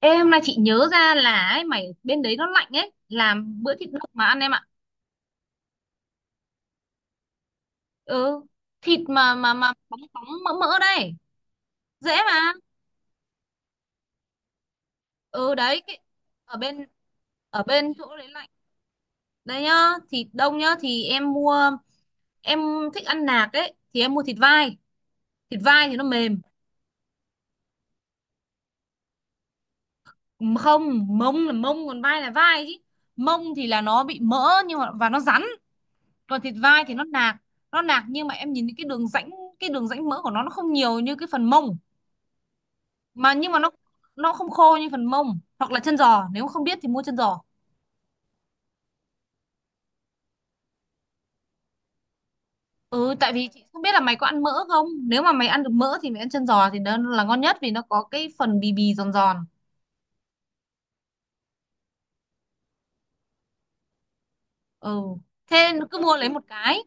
Ê, hôm nay chị nhớ ra là ấy, mày bên đấy nó lạnh ấy, làm bữa thịt luộc mà ăn em ạ. Ừ, thịt mà bóng bóng mỡ mỡ đây, dễ mà. Ừ đấy, cái, ở bên ở bên chỗ đấy lạnh. Đây nhá, thịt đông nhá thì em mua, em thích ăn nạc ấy thì em mua thịt vai. Thịt vai thì nó mềm, không, mông là mông còn vai là vai chứ. Mông thì là nó bị mỡ nhưng mà và nó rắn, còn thịt vai thì nó nạc nhưng mà em nhìn cái đường rãnh mỡ của nó không nhiều như cái phần mông, mà nhưng mà nó không khô như phần mông hoặc là chân giò. Nếu không biết thì mua chân giò. Ừ, tại vì chị không biết là mày có ăn mỡ không. Nếu mà mày ăn được mỡ thì mày ăn chân giò thì nó là ngon nhất vì nó có cái phần bì bì giòn giòn. Ừ, thế cứ mua lấy một cái.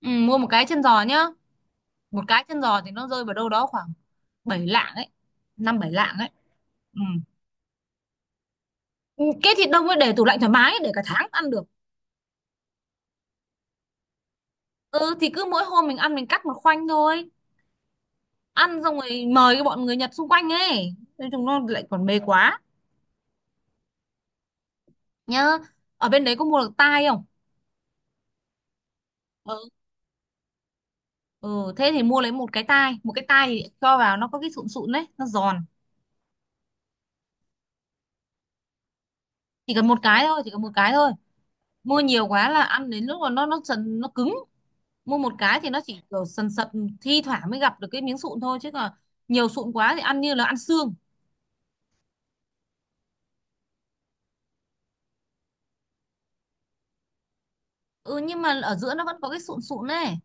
Ừ, mua một cái chân giò nhá. Một cái chân giò thì nó rơi vào đâu đó khoảng 7 lạng ấy, 5-7 lạng ấy. Ừ. Ừ, cái thịt đông ấy để tủ lạnh thoải mái, để cả tháng ăn được. Ừ thì cứ mỗi hôm mình ăn mình cắt một khoanh thôi. Ăn xong rồi mời cái bọn người Nhật xung quanh ấy, nói chúng nó lại còn mê quá. Nhá, ở bên đấy có mua được tai không? Ừ. Ừ thế thì mua lấy một cái tai, một cái tai thì cho vào nó có cái sụn sụn đấy nó giòn. Chỉ cần một cái thôi. Mua nhiều quá là ăn đến lúc mà nó sần nó cứng. Mua một cái thì nó chỉ kiểu sần sật, thi thoảng mới gặp được cái miếng sụn thôi, chứ còn nhiều sụn quá thì ăn như là ăn xương. Ừ, nhưng mà ở giữa nó vẫn có cái sụn sụn này.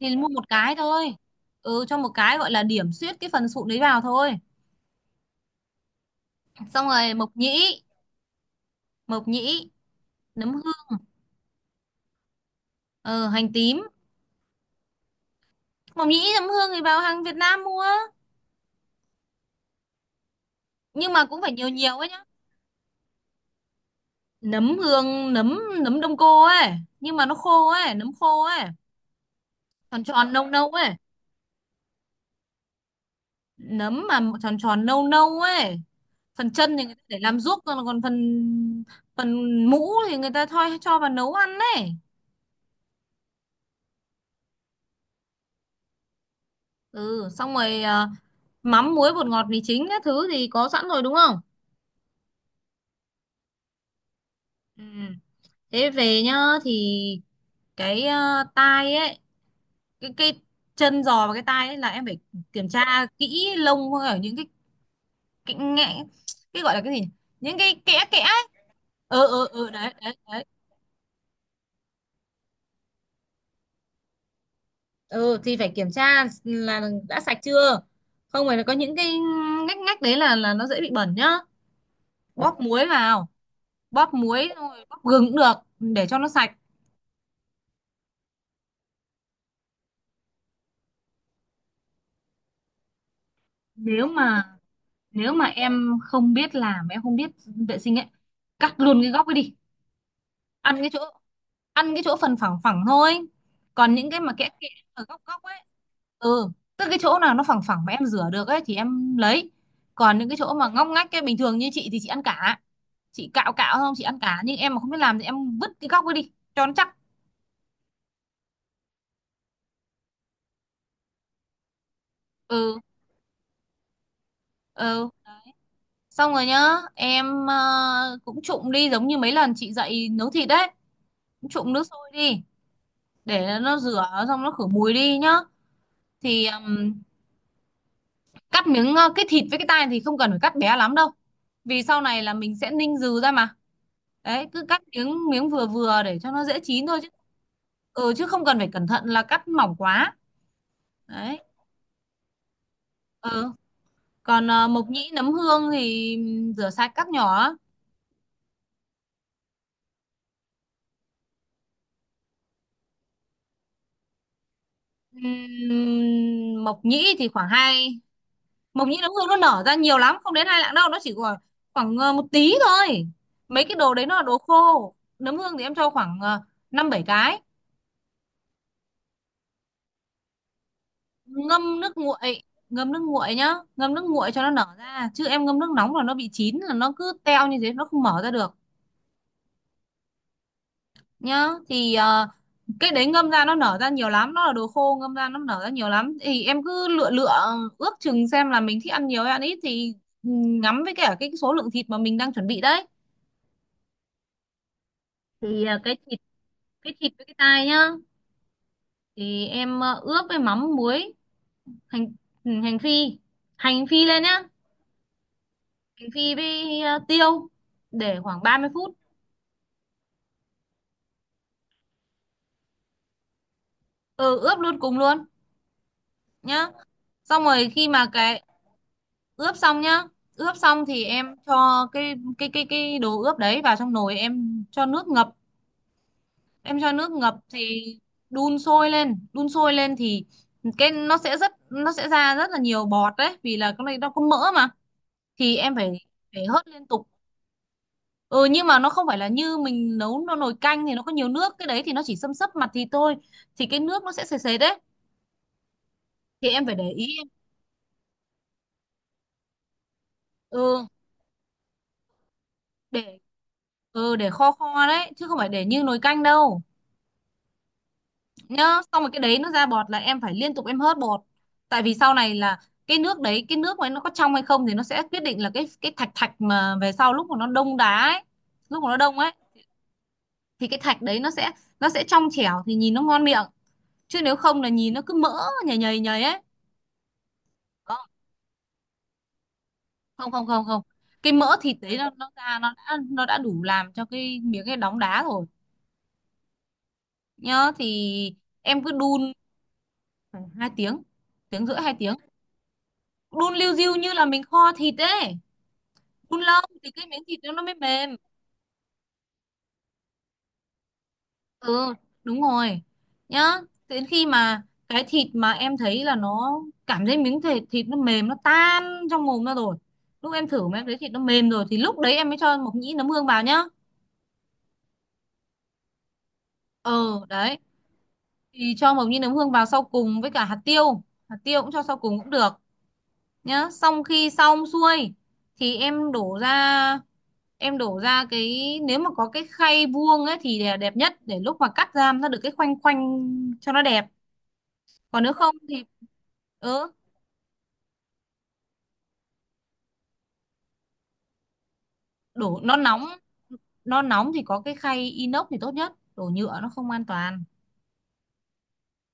Thì mua một cái thôi. Ừ, cho một cái gọi là điểm xuyết cái phần sụn đấy vào thôi. Xong rồi mộc nhĩ. Mộc nhĩ, nấm hương. Ờ, Hành tím. Mộc nhĩ nấm hương thì vào hàng Việt Nam mua. Nhưng mà cũng phải nhiều nhiều ấy nhá. Nấm hương, nấm nấm đông cô ấy, nhưng mà nó khô ấy, nấm khô ấy. Tròn tròn nâu nâu ấy, nấm mà tròn tròn nâu nâu ấy. Phần chân thì người ta để làm ruốc, còn còn phần phần mũ thì người ta thôi cho vào nấu ăn ấy. Ừ xong rồi. Mắm muối bột ngọt mì chính các thứ thì có sẵn rồi đúng không? Ừ. Thế về nhá thì cái, tai ấy, cái chân giò và cái tai ấy là em phải kiểm tra kỹ lông ở những cái ngẽ, cái gọi là cái gì nhỉ? Những cái kẽ kẽ ấy. Đấy đấy đấy. Ờ thì phải kiểm tra là đã sạch chưa. Không phải là có những cái ngách ngách đấy là nó dễ bị bẩn nhá. Bóp muối vào, bóp muối rồi bóp gừng cũng được, để cho nó sạch. nếu mà Nếu mà em không biết làm, em không biết vệ sinh ấy, cắt luôn cái góc ấy đi. ăn cái chỗ Ăn cái chỗ phần phẳng phẳng thôi, còn những cái mà kẽ kẽ ở góc góc ấy. Ừ, tức cái chỗ nào nó phẳng phẳng mà em rửa được ấy thì em lấy, còn những cái chỗ mà ngóc ngách cái bình thường như chị thì chị ăn cả. Chị cạo cạo không chị ăn cả, nhưng em mà không biết làm thì em vứt cái góc ấy đi cho nó chắc. Ừ. Ừ xong rồi nhá. Em cũng trụng đi giống như mấy lần chị dạy nấu thịt đấy, cũng trụng nước sôi đi, để nó rửa xong nó khử mùi đi nhá. Thì cắt miếng, cái thịt với cái tai thì không cần phải cắt bé lắm đâu vì sau này là mình sẽ ninh dừ ra mà. Đấy cứ cắt miếng miếng vừa vừa để cho nó dễ chín thôi, chứ ừ chứ không cần phải cẩn thận là cắt mỏng quá. Đấy. Ừ. Còn mộc nhĩ nấm hương thì rửa sạch cắt nhỏ. Mộc nhĩ thì khoảng hai. Mộc nhĩ nấm hương nó nở ra nhiều lắm, không đến 2 lạng đâu, nó chỉ khoảng khoảng một tí thôi. Mấy cái đồ đấy nó là đồ khô, nấm hương thì em cho khoảng 5-7 cái. Ngâm nước nguội, ngâm nước nguội nhá, ngâm nước nguội cho nó nở ra. Chứ em ngâm nước nóng là nó bị chín, là nó cứ teo như thế, nó không mở ra được. Nhá thì cái đấy ngâm ra nó nở ra nhiều lắm, nó là đồ khô, ngâm ra nó nở ra nhiều lắm, thì em cứ lựa lựa, ước chừng xem là mình thích ăn nhiều hay ăn ít thì ừ, ngắm với cả cái số lượng thịt mà mình đang chuẩn bị đấy. Thì cái thịt với cái tai nhá. Thì em ướp với mắm muối, hành, ừ, hành phi, hành phi lên nhá, hành phi với tiêu, để khoảng 30 phút. Ừ ướp luôn cùng luôn. Nhá xong rồi khi mà cái, ướp xong nhá, ướp xong thì em cho cái đồ ướp đấy vào trong nồi, em cho nước ngập, em cho nước ngập thì đun sôi lên. Đun sôi lên thì cái nó sẽ ra rất là nhiều bọt đấy, vì là cái này nó có mỡ mà, thì em phải, phải hớt liên tục. Ừ nhưng mà nó không phải là như mình nấu nó nồi canh thì nó có nhiều nước. Cái đấy thì nó chỉ xâm xấp mặt thì thôi, thì cái nước nó sẽ sệt sệt đấy, thì em phải để ý em. Ừ để, ừ để kho kho đấy, chứ không phải để như nồi canh đâu. Nhá xong rồi cái đấy nó ra bọt là em phải liên tục em hớt bột, tại vì sau này là cái nước đấy, cái nước mà nó có trong hay không thì nó sẽ quyết định là cái thạch thạch mà về sau lúc mà nó đông đá ấy, lúc mà nó đông ấy, thì cái thạch đấy nó sẽ trong trẻo thì nhìn nó ngon miệng. Chứ nếu không là nhìn nó cứ mỡ nhầy nhầy nhầy ấy. Không, không, không, không, không, cái mỡ thịt đấy nó ra, nó đã đủ làm cho cái miếng cái đóng đá rồi. Nhá thì em cứ đun khoảng 2 tiếng, tiếng rưỡi 2 tiếng, đun liu riu như là mình kho thịt ấy. Đun lâu thì cái miếng thịt nó mới mềm. Ừ, đúng rồi. Nhá, đến khi mà cái thịt mà em thấy là nó, cảm thấy miếng thịt thịt nó mềm, nó tan trong mồm ra rồi, lúc em thử mà em thấy thịt nó mềm rồi thì lúc đấy em mới cho mộc nhĩ nấm hương vào nhá. Ờ đấy. Thì cho mộc nhĩ nấm hương vào sau cùng với cả hạt tiêu, hạt tiêu cũng cho sau cùng cũng được. Nhá xong khi xong xuôi thì em đổ ra. Em đổ ra cái, nếu mà có cái khay vuông ấy thì là đẹp nhất, để lúc mà cắt ra nó được cái khoanh khoanh cho nó đẹp. Còn nếu không thì ừ, đổ nó nóng, nó nóng thì có cái khay inox thì tốt nhất, đổ nhựa nó không an toàn.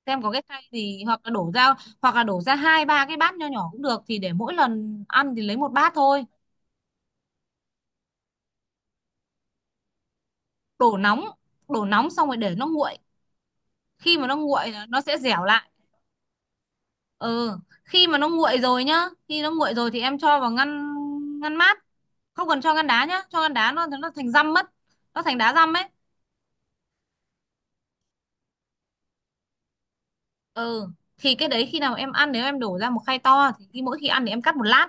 Xem có cái khay gì, hoặc là đổ ra 2-3 cái bát nho nhỏ cũng được, thì để mỗi lần ăn thì lấy một bát thôi. Đổ nóng, đổ nóng xong rồi để nó nguội, khi mà nó nguội là nó sẽ dẻo lại. Ừ khi mà nó nguội rồi nhá, khi nó nguội rồi thì em cho vào ngăn, ngăn mát. Không cần cho ngăn đá nhá, cho ngăn đá nó thành dăm mất, nó thành đá dăm ấy. Ừ thì cái đấy khi nào em ăn, nếu em đổ ra một khay to thì khi mỗi khi ăn thì em cắt một lát,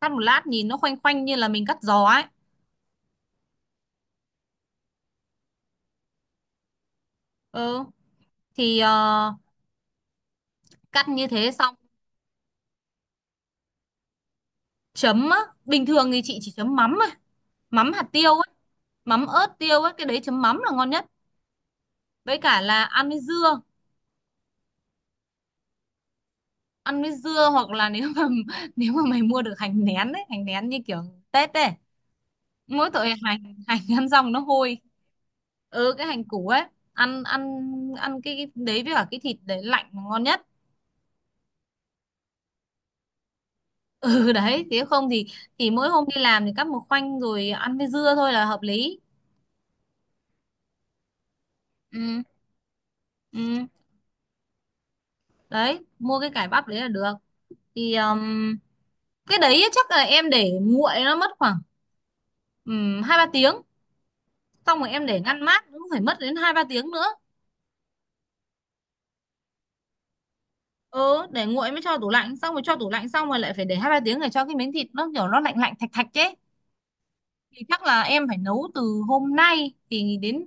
cắt một lát nhìn nó khoanh khoanh như là mình cắt giò ấy. Ừ thì cắt như thế xong. Chấm á? Bình thường thì chị chỉ chấm mắm thôi, mắm hạt tiêu ấy, mắm ớt tiêu ấy, cái đấy chấm mắm là ngon nhất. Với cả là ăn với dưa, ăn với dưa, hoặc là nếu mà nếu mà mày mua được hành nén ấy, hành nén như kiểu Tết ấy. Mỗi tội hành, hành ăn xong nó hôi. Ừ cái hành củ ấy. Ăn ăn Ăn cái đấy với cả cái thịt đấy lạnh là ngon nhất. Ừ đấy nếu không thì thì mỗi hôm đi làm thì cắt một khoanh rồi ăn với dưa thôi là hợp lý. Ừ. Ừ đấy, mua cái cải bắp đấy là được. Thì cái đấy chắc là em để nguội nó mất khoảng 2-3 tiếng, xong rồi em để ngăn mát cũng phải mất đến 2-3 tiếng nữa. Ừ để nguội mới cho tủ lạnh, xong rồi cho tủ lạnh xong rồi lại phải để 2-3 tiếng để cho cái miếng thịt nó kiểu nó lạnh lạnh thạch thạch chứ. Thì chắc là em phải nấu từ hôm nay thì đến,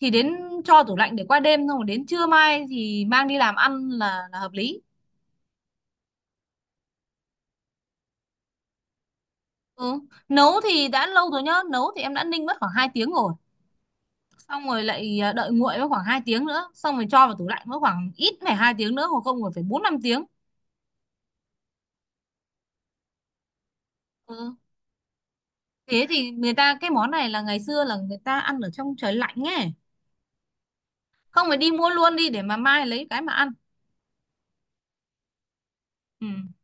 thì đến, cho tủ lạnh để qua đêm xong rồi đến trưa mai thì mang đi làm ăn là hợp lý. Ừ. Nấu thì đã lâu rồi nhá, nấu thì em đã ninh mất khoảng 2 tiếng rồi, xong rồi lại đợi nguội mất khoảng 2 tiếng nữa, xong rồi cho vào tủ lạnh mất khoảng ít phải 2 tiếng nữa, hoặc không rồi phải 4-5 tiếng. Ừ. Thế thì người ta cái món này là ngày xưa là người ta ăn ở trong trời lạnh nghe, không phải đi mua luôn đi để mà mai lấy cái mà ăn. Ừ